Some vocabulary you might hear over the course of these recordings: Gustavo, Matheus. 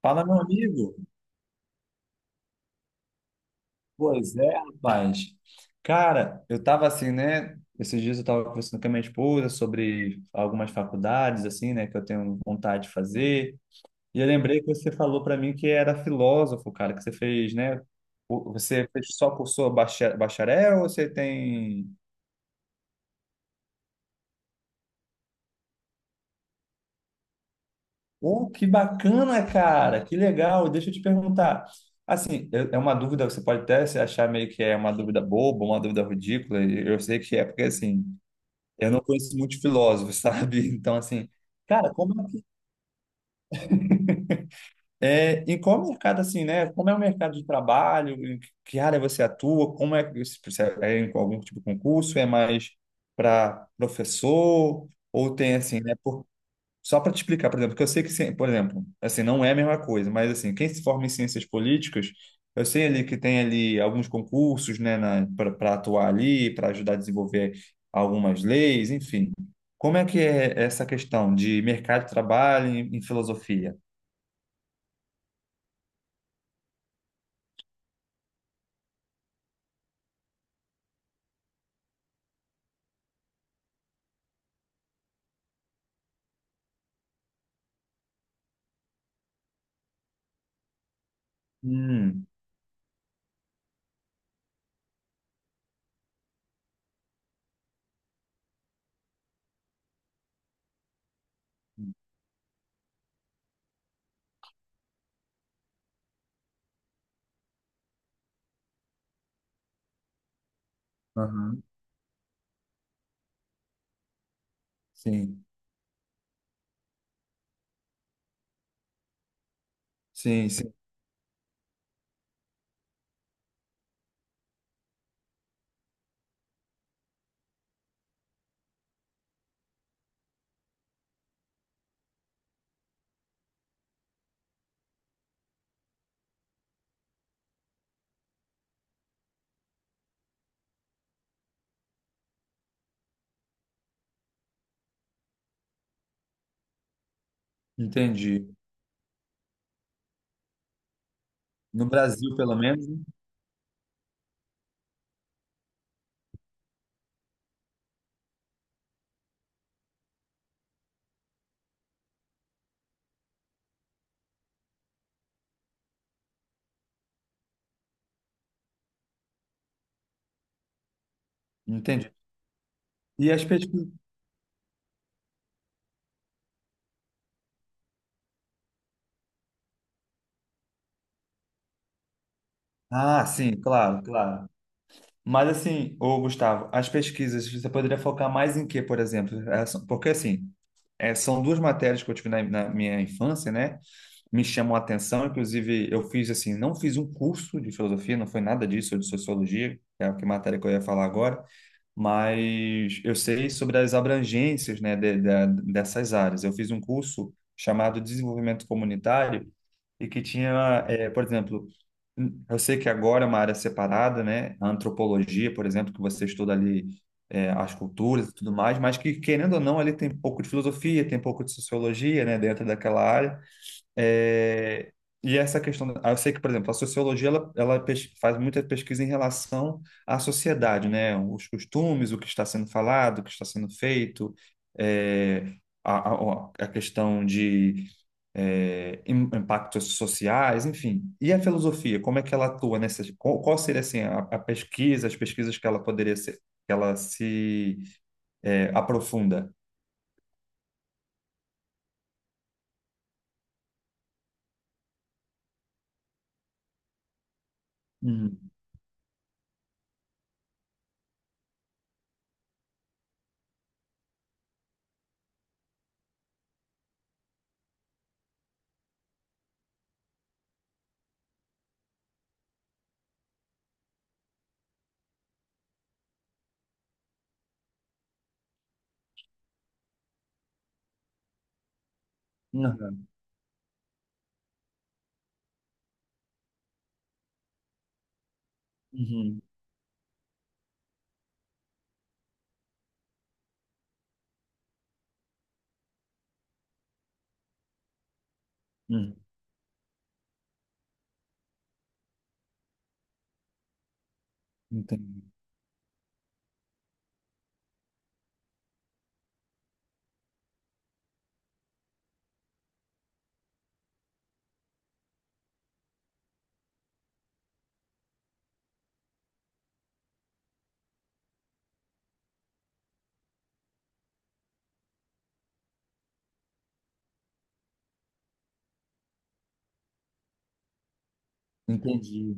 Fala, meu amigo. Pois é, rapaz. Cara, eu tava assim, né? Esses dias eu tava conversando com a minha esposa sobre algumas faculdades, assim, né, que eu tenho vontade de fazer. E eu lembrei que você falou para mim que era filósofo, cara, que você fez, né? Você fez só cursou bacharel ou você tem. Oh, que bacana, cara! Que legal! Deixa eu te perguntar. Assim, é uma dúvida, você pode até se achar meio que é uma dúvida boba, uma dúvida ridícula, e eu sei que é porque assim. Eu não conheço muito filósofo, sabe? Então, assim, cara, como é que, em qual mercado, assim, né? Como é o mercado de trabalho? Em que área você atua? Como é que se você é em algum tipo de concurso? É mais para professor? Ou tem, assim, né? Só para te explicar, por exemplo, que eu sei que, por exemplo, assim, não é a mesma coisa, mas assim, quem se forma em ciências políticas, eu sei ali que tem ali alguns concursos, né, para atuar ali, para ajudar a desenvolver algumas leis, enfim. Como é que é essa questão de mercado de trabalho em filosofia? Hum, aham, sim, sim, sim, entendi. No Brasil, pelo menos, né? Entendi. E as pesquisas? Ah, sim, claro, claro. Mas assim, ô Gustavo, as pesquisas, você poderia focar mais em quê, por exemplo? Porque assim, são duas matérias que eu tive na minha infância, né? Me chamam a atenção, inclusive eu fiz assim, não fiz um curso de filosofia, não foi nada disso, ou de sociologia, que é a que matéria que eu ia falar agora, mas eu sei sobre as abrangências, né, dessas áreas. Eu fiz um curso chamado Desenvolvimento Comunitário e que tinha, por exemplo, eu sei que agora é uma área separada, né, a antropologia, por exemplo, que você estuda ali as culturas e tudo mais, mas que, querendo ou não, ali tem um pouco de filosofia, tem um pouco de sociologia, né, dentro daquela área. É, e essa questão, eu sei que, por exemplo, a sociologia ela faz muita pesquisa em relação à sociedade, né? Os costumes, o que está sendo falado, o que está sendo feito, é, a questão de impactos sociais, enfim. E a filosofia, como é que ela atua nessa? Qual seria assim a pesquisa, as pesquisas que ela poderia ser, que ela se aprofunda? Uhum. Uhum. Uhum. Uhum. Entendi. Entendi.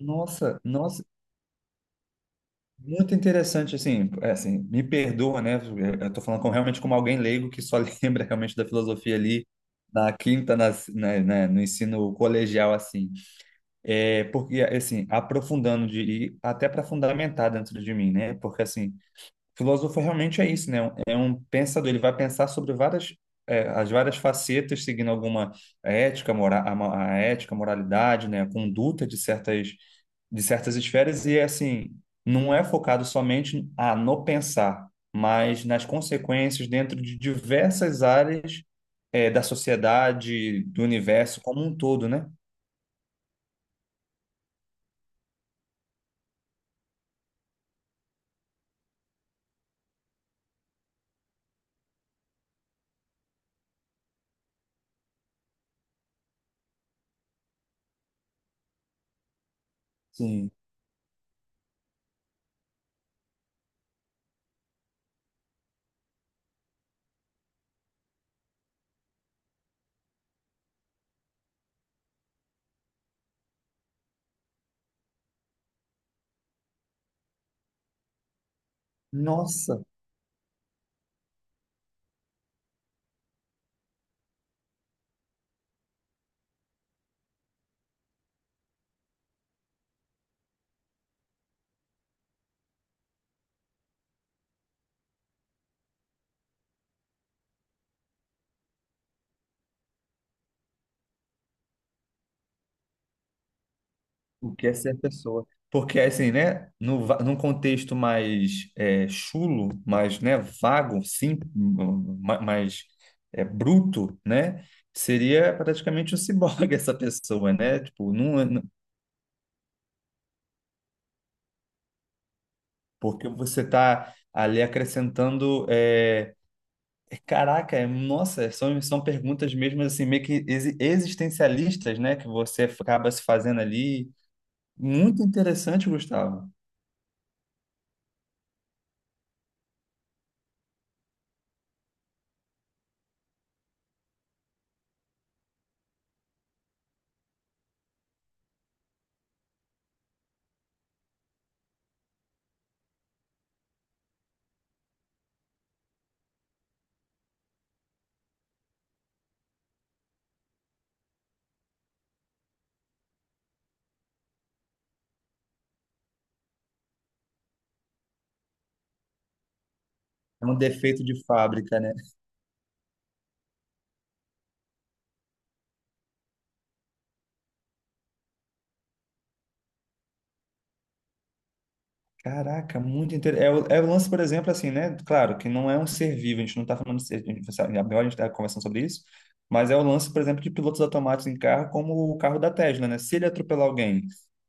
Nossa, nossa, muito interessante, assim, assim, me perdoa, né, eu tô falando com, realmente como alguém leigo que só lembra realmente da filosofia ali na quinta, né, no ensino colegial, assim, porque, assim, aprofundando de, e até para fundamentar dentro de mim, né, porque, assim, filósofo realmente é isso, né, é um pensador, ele vai pensar sobre várias, as várias facetas, seguindo alguma ética, a ética, moralidade, né, a conduta de certas esferas e assim, não é focado somente no pensar, mas nas consequências dentro de diversas áreas da sociedade, do universo como um todo, né? Sim. Nossa, o que é ser pessoa? Porque assim, né, no, va- num contexto mais chulo, mais, né, vago, sim, mais bruto, né, seria praticamente um ciborgue essa pessoa, né? Tipo, não, porque você está ali acrescentando. Caraca, nossa, são perguntas mesmo assim, meio que existencialistas, né? Que você acaba se fazendo ali. Muito interessante, Gustavo. É um defeito de fábrica, né? Caraca, muito interessante. É o lance, por exemplo, assim, né? Claro que não é um ser vivo, a gente não está falando de ser, a gente, sabe, agora a gente está conversando sobre isso, mas é o lance, por exemplo, de pilotos automáticos em carro, como o carro da Tesla, né? Se ele atropelar alguém,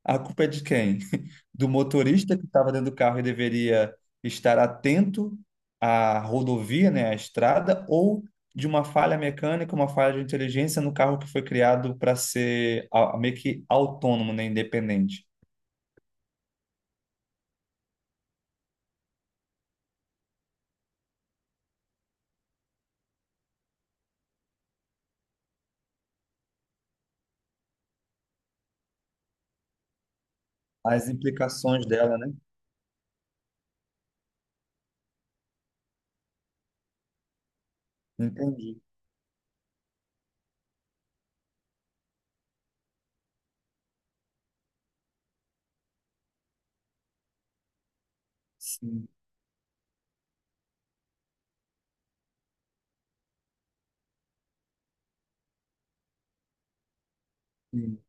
a culpa é de quem? Do motorista que estava dentro do carro e deveria estar atento à rodovia, né? À estrada, ou de uma falha mecânica, uma falha de inteligência no carro que foi criado para ser meio que autônomo, né? Independente. As implicações dela, né? Entendi. Sim, sim.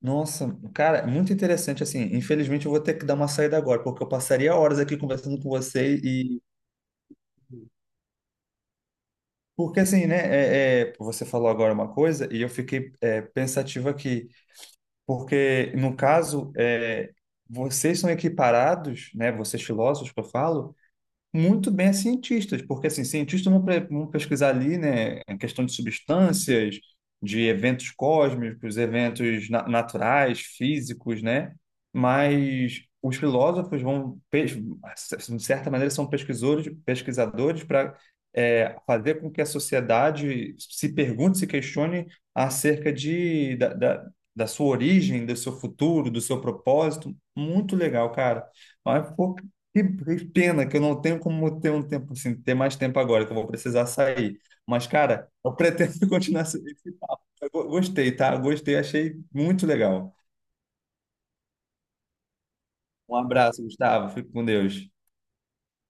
Nossa, cara, é muito interessante assim. Infelizmente eu vou ter que dar uma saída agora, porque eu passaria horas aqui conversando com você e porque assim, né? Você falou agora uma coisa e eu fiquei pensativo aqui, porque no caso vocês são equiparados, né? Vocês filósofos que eu falo, muito bem a cientistas, porque assim, cientistas vão pesquisar ali, né, a questão de substâncias, de eventos cósmicos, eventos naturais, físicos, né? Mas os filósofos de certa maneira, são pesquisadores, pesquisadores para fazer com que a sociedade se pergunte, se questione acerca da sua origem, do seu futuro, do seu propósito. Muito legal, cara. Mas, pô, que pena que eu não tenho como ter um tempo assim, ter mais tempo agora, que eu vou precisar sair. Mas, cara, eu pretendo continuar esse papo. Eu gostei, tá? Gostei, achei muito legal. Um abraço, Gustavo. Fique com Deus.